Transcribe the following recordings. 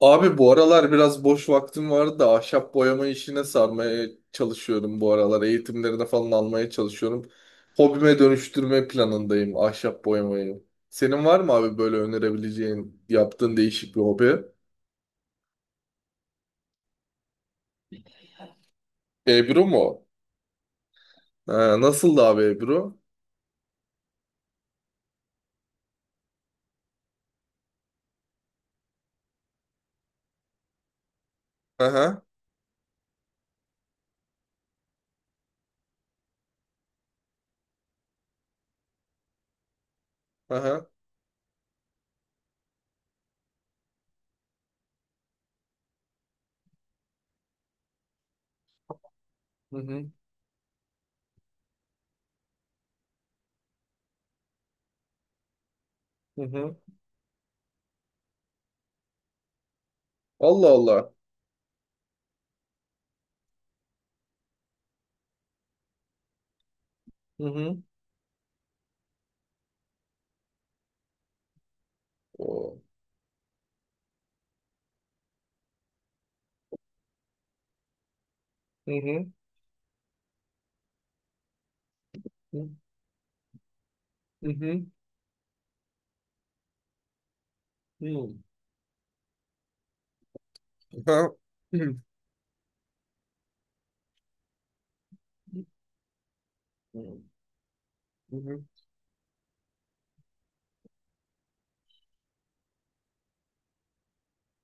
Abi bu aralar biraz boş vaktim vardı da ahşap boyama işine sarmaya çalışıyorum bu aralar. Eğitimlerini falan almaya çalışıyorum. Hobime dönüştürme planındayım ahşap boyamayı. Senin var mı abi böyle önerebileceğin yaptığın değişik bir hobi? Ebru mu? Ha, nasıldı abi Ebru? Aha, aha. Hı hı, hı hı. Allah Allah. Hı hı. O. Hı hı. Hı hı. Hı. Hı. Aha. Hı. Hı hı.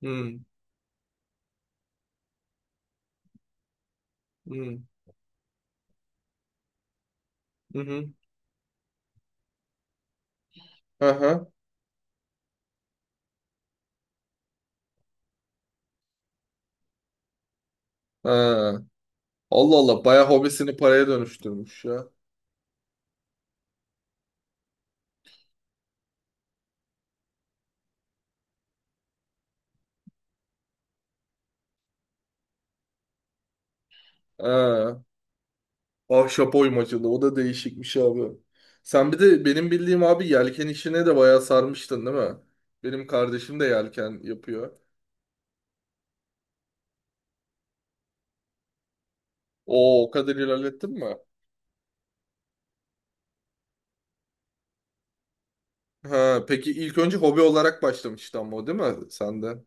Hı hı. Hı hı. Hı hı. Aha. Ha. Allah Allah, bayağı hobisini paraya dönüştürmüş ya. Ha. Ahşap oymacılığı, o da değişikmiş abi. Sen bir de benim bildiğim abi yelken işine de bayağı sarmıştın, değil mi? Benim kardeşim de yelken yapıyor. Oo, o kadar ilerlettin mi? Ha, peki ilk önce hobi olarak başlamıştı ama o, değil mi sende?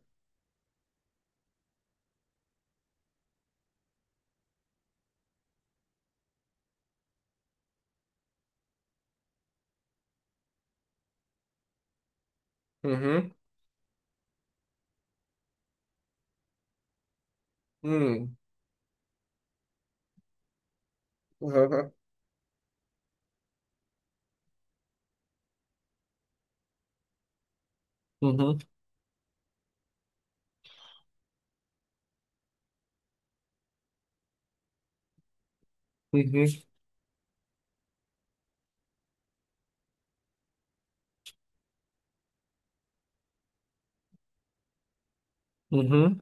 Hı hı. Hı. Hı hı. Hı hı. Hı hı. Hı hı.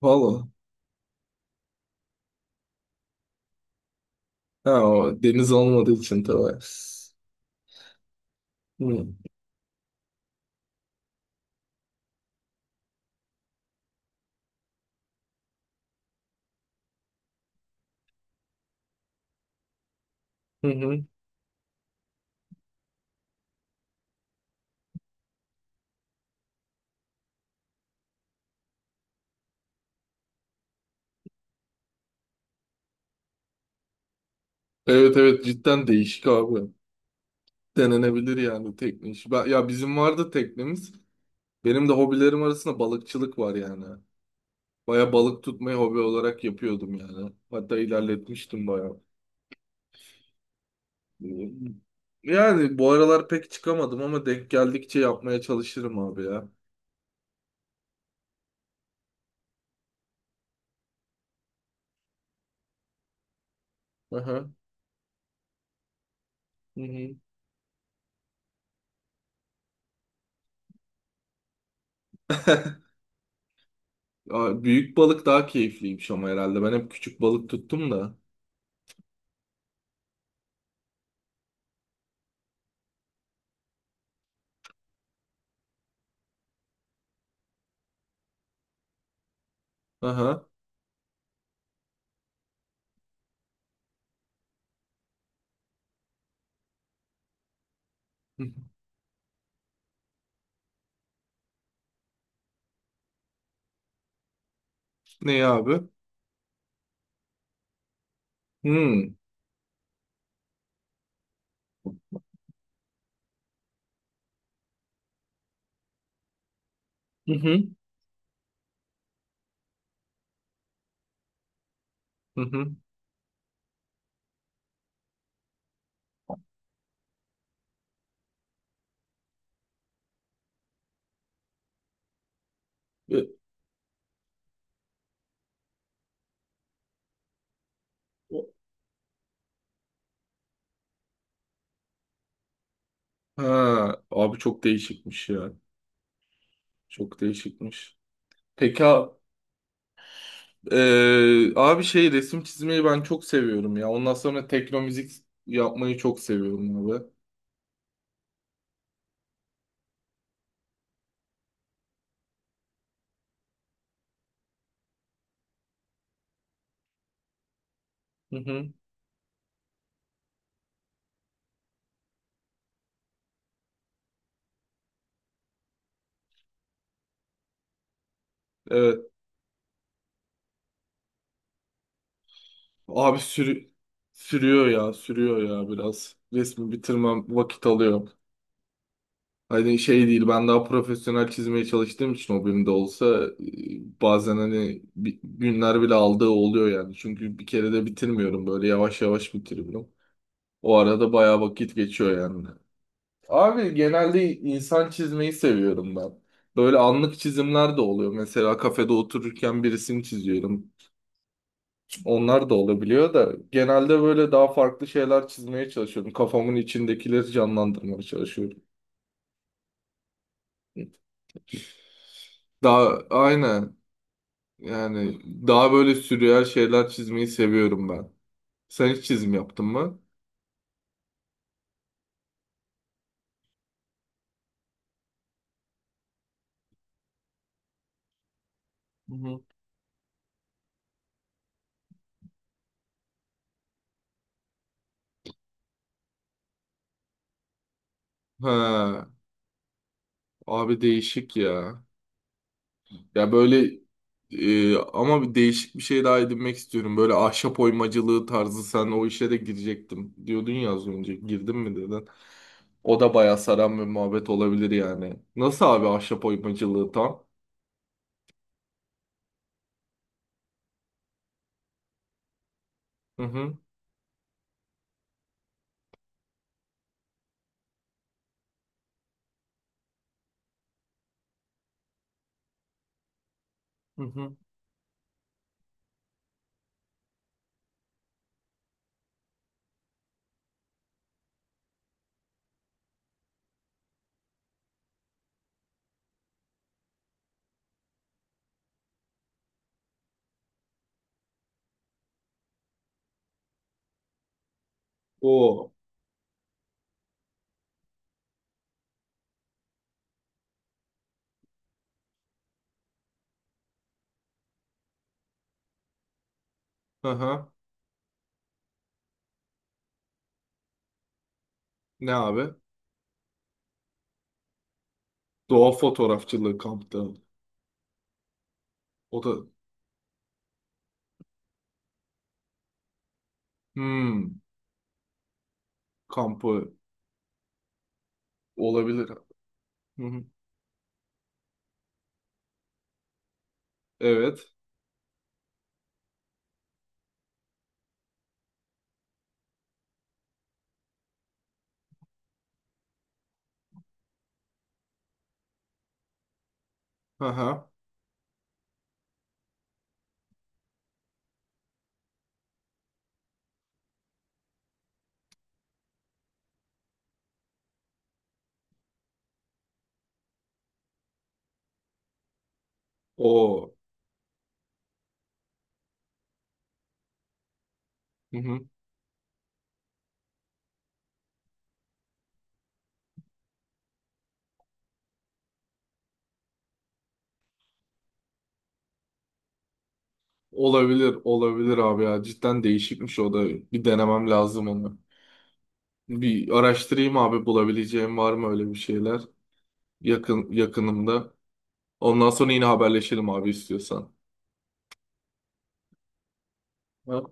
Valla. Ha, o deniz olmadığı için tabii. Hı. Hı hı. Evet evet, cidden değişik abi. Denenebilir yani tekne işi. Ben, ya bizim vardı teknemiz. Benim de hobilerim arasında balıkçılık var yani. Baya balık tutmayı hobi olarak yapıyordum yani. Hatta ilerletmiştim baya. Yani bu aralar pek çıkamadım ama denk geldikçe yapmaya çalışırım abi ya. Aha. Hı hı. Ya, büyük balık daha keyifliymiş ama herhalde. Ben hep küçük balık tuttum da. Aha. Hı hı. Ne ya abi? Hmm. Hı hı. Hı hı. E, o- Ha, abi çok değişikmiş ya. Çok değişikmiş. Peki, abi şey resim çizmeyi ben çok seviyorum ya. Ondan sonra tekno müzik yapmayı çok seviyorum abi. Hı hı. Evet. Abi sürüyor ya, sürüyor ya biraz. Resmi bitirmem vakit alıyor. Hani şey değil, ben daha profesyonel çizmeye çalıştığım için o benim de olsa bazen hani günler bile aldığı oluyor yani. Çünkü bir kere de bitirmiyorum, böyle yavaş yavaş bitiriyorum. O arada bayağı vakit geçiyor yani. Abi genelde insan çizmeyi seviyorum ben. Böyle anlık çizimler de oluyor. Mesela kafede otururken bir resim çiziyorum. Onlar da olabiliyor da genelde böyle daha farklı şeyler çizmeye çalışıyorum. Kafamın içindekileri canlandırmaya çalışıyorum. Daha aynen. Yani daha böyle sürreal şeyler çizmeyi seviyorum ben. Sen hiç çizim yaptın mı? Hı hı. Ha, abi değişik ya. Ya böyle ama bir değişik bir şey daha edinmek istiyorum. Böyle ahşap oymacılığı tarzı, sen o işe de girecektim diyordun ya az önce. Girdin mi dedin. O da bayağı saran bir muhabbet olabilir yani. Nasıl abi ahşap oymacılığı tam? Hı hı. Hı hı. O. Hı hı. Ne abi? Doğa fotoğrafçılığı kampta. O da. Hmm. Kampı olabilir. Hı hı. Evet. Aha. O. Hı hı. Olabilir, olabilir abi ya. Cidden değişikmiş o da. Bir denemem lazım onu. Bir araştırayım abi bulabileceğim var mı öyle bir şeyler yakın yakınımda. Ondan sonra yine haberleşelim abi istiyorsan. Ha?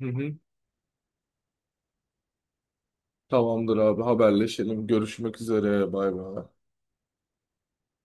Hı hı. Tamamdır abi, haberleşelim. Görüşmek üzere. Bay bay.